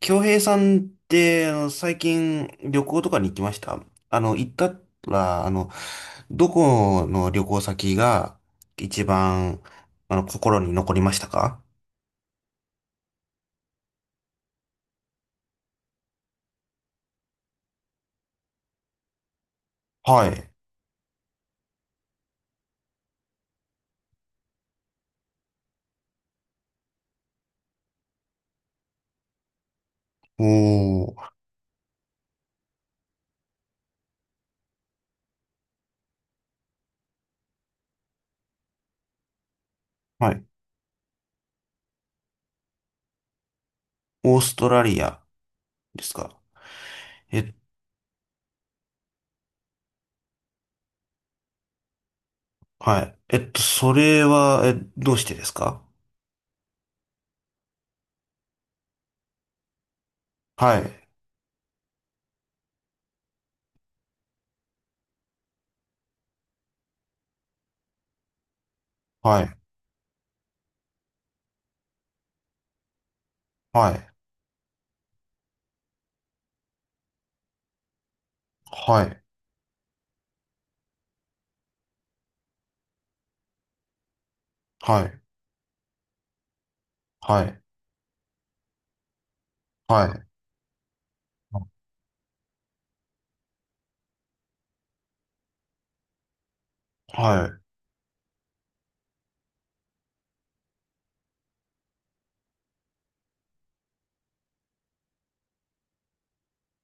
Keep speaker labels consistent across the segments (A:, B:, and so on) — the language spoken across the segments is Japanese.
A: 京平さんって、最近旅行とかに行きました行ったら、どこの旅行先が一番、心に残りましたか？はい。おー、はい。オーストラリアですか？え、はい。えっと、それは、え、どうしてですか？はい。はい。はい。はい。はい。はい。はい。はい。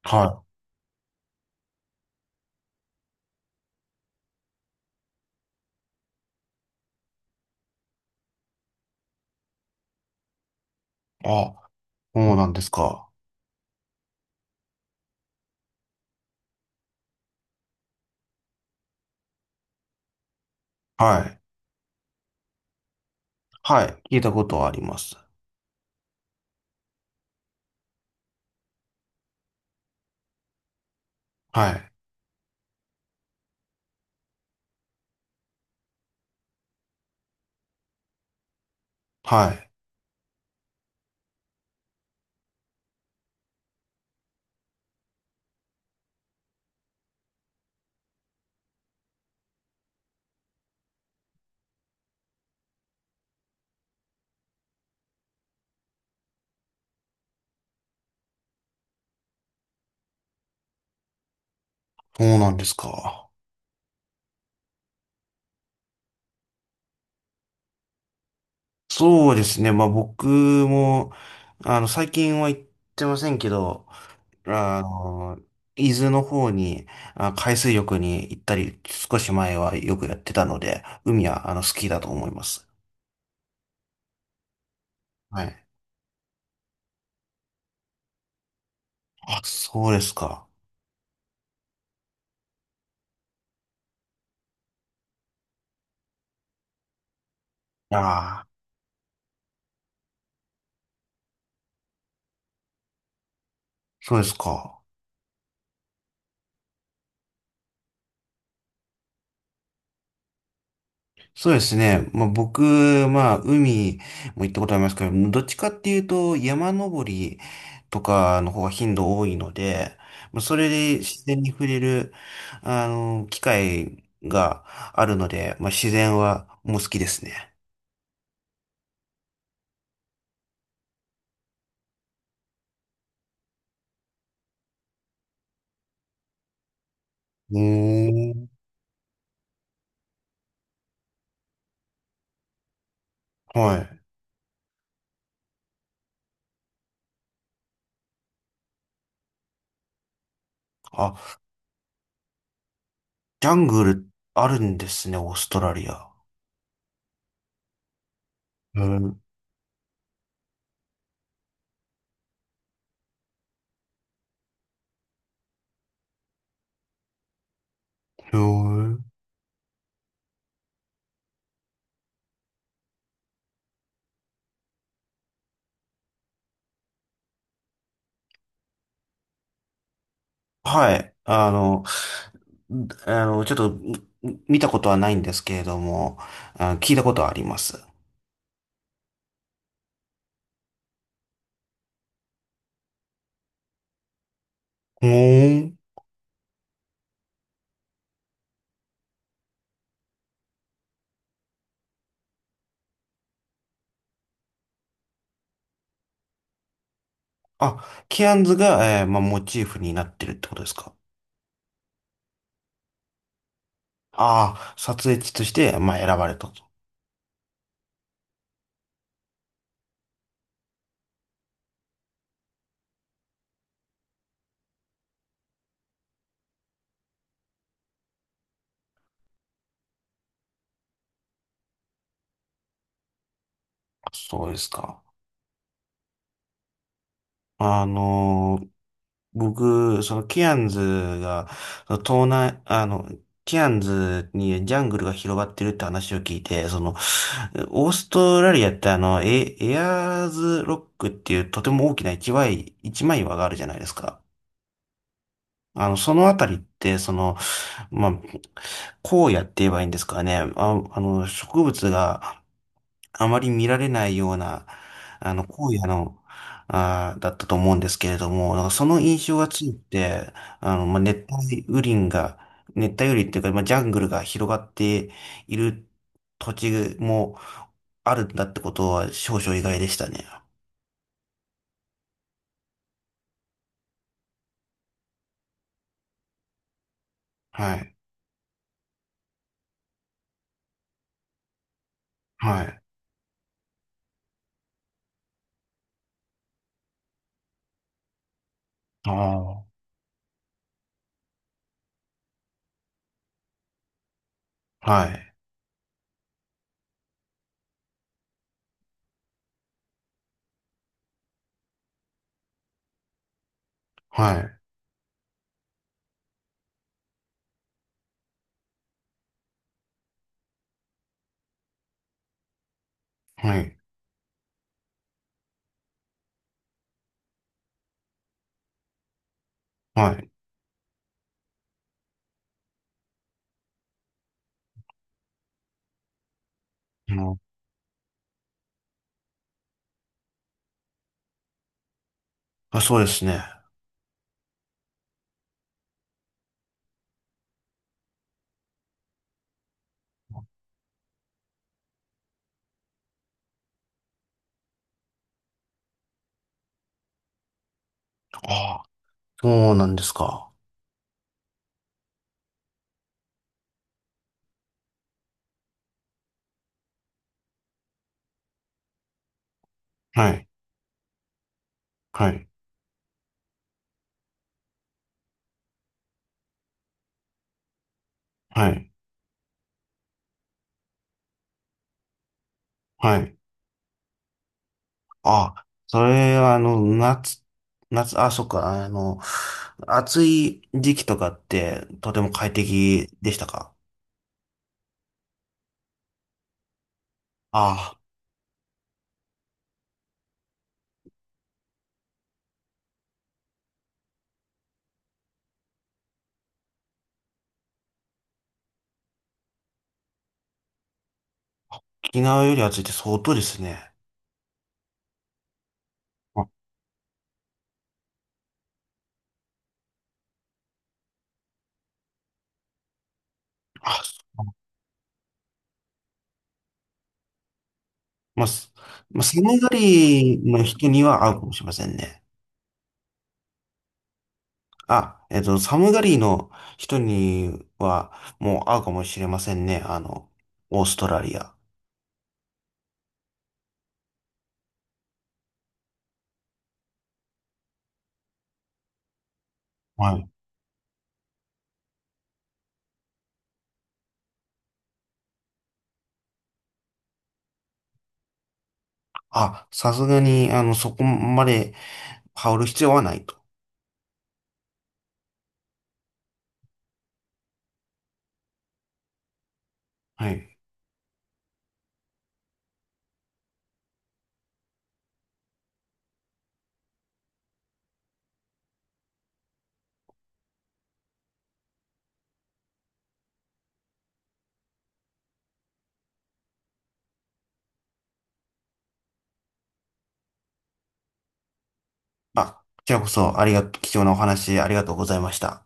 A: はい。あ、そうなんですか。はい。はい。聞いたことはあります。はい。はい。そうなんですか。そうですね。僕も、最近は行ってませんけど、あの、伊豆の方に、あ、海水浴に行ったり、少し前はよくやってたので、海は、好きだと思います。はい。あ、そうですか。ああ、そうですか。そうですね。まあ、僕、まあ、海も行ったことありますけど、どっちかっていうと、山登りとかの方が頻度多いので、まあそれで自然に触れる、機会があるので、まあ、自然はもう好きですね。うーん。はい。あ、ジャングルあるんですね、オーストラリア。へーへーはい。あの、ちょっとみ見たことはないんですけれども、あ聞いたことはあります。うーん。あ、ケアンズが、まあ、モチーフになってるってことですか？ああー、撮影地として、まあ、選ばれたと。そうですか。あのー、僕、そのケアンズが、その東南、ケアンズにジャングルが広がってるって話を聞いて、その、オーストラリアってエアーズロックっていうとても大きな一枚岩があるじゃないですか。そのあたりって、その、まあ、荒野って言えばいいんですかね。あ、植物があまり見られないような、荒野の、あーだったと思うんですけれども、なんかその印象が強くて、あの、まあ、熱帯雨林が、熱帯雨林っていうか、まあ、ジャングルが広がっている土地もあるんだってことは少々意外でしたね。はい。はい。ああ。はい。はい。はい。はい。うんあ、そうですね。ああ、そうなんですか。はい。はい。はい。はい。あ、それはあの、あ、そっか、暑い時期とかってとても快適でしたか？あ、沖縄より暑いって相当ですね。あ、あまあ、すまあ、寒がりの人には合うかもしれませんね。あ、えっと、寒がりの人にはもう合うかもしれませんね。オーストラリア。はい。あ、さすがに、そこまで羽織る必要はないと。はい。あ、こちらこそ、ありがと、貴重なお話ありがとうございました。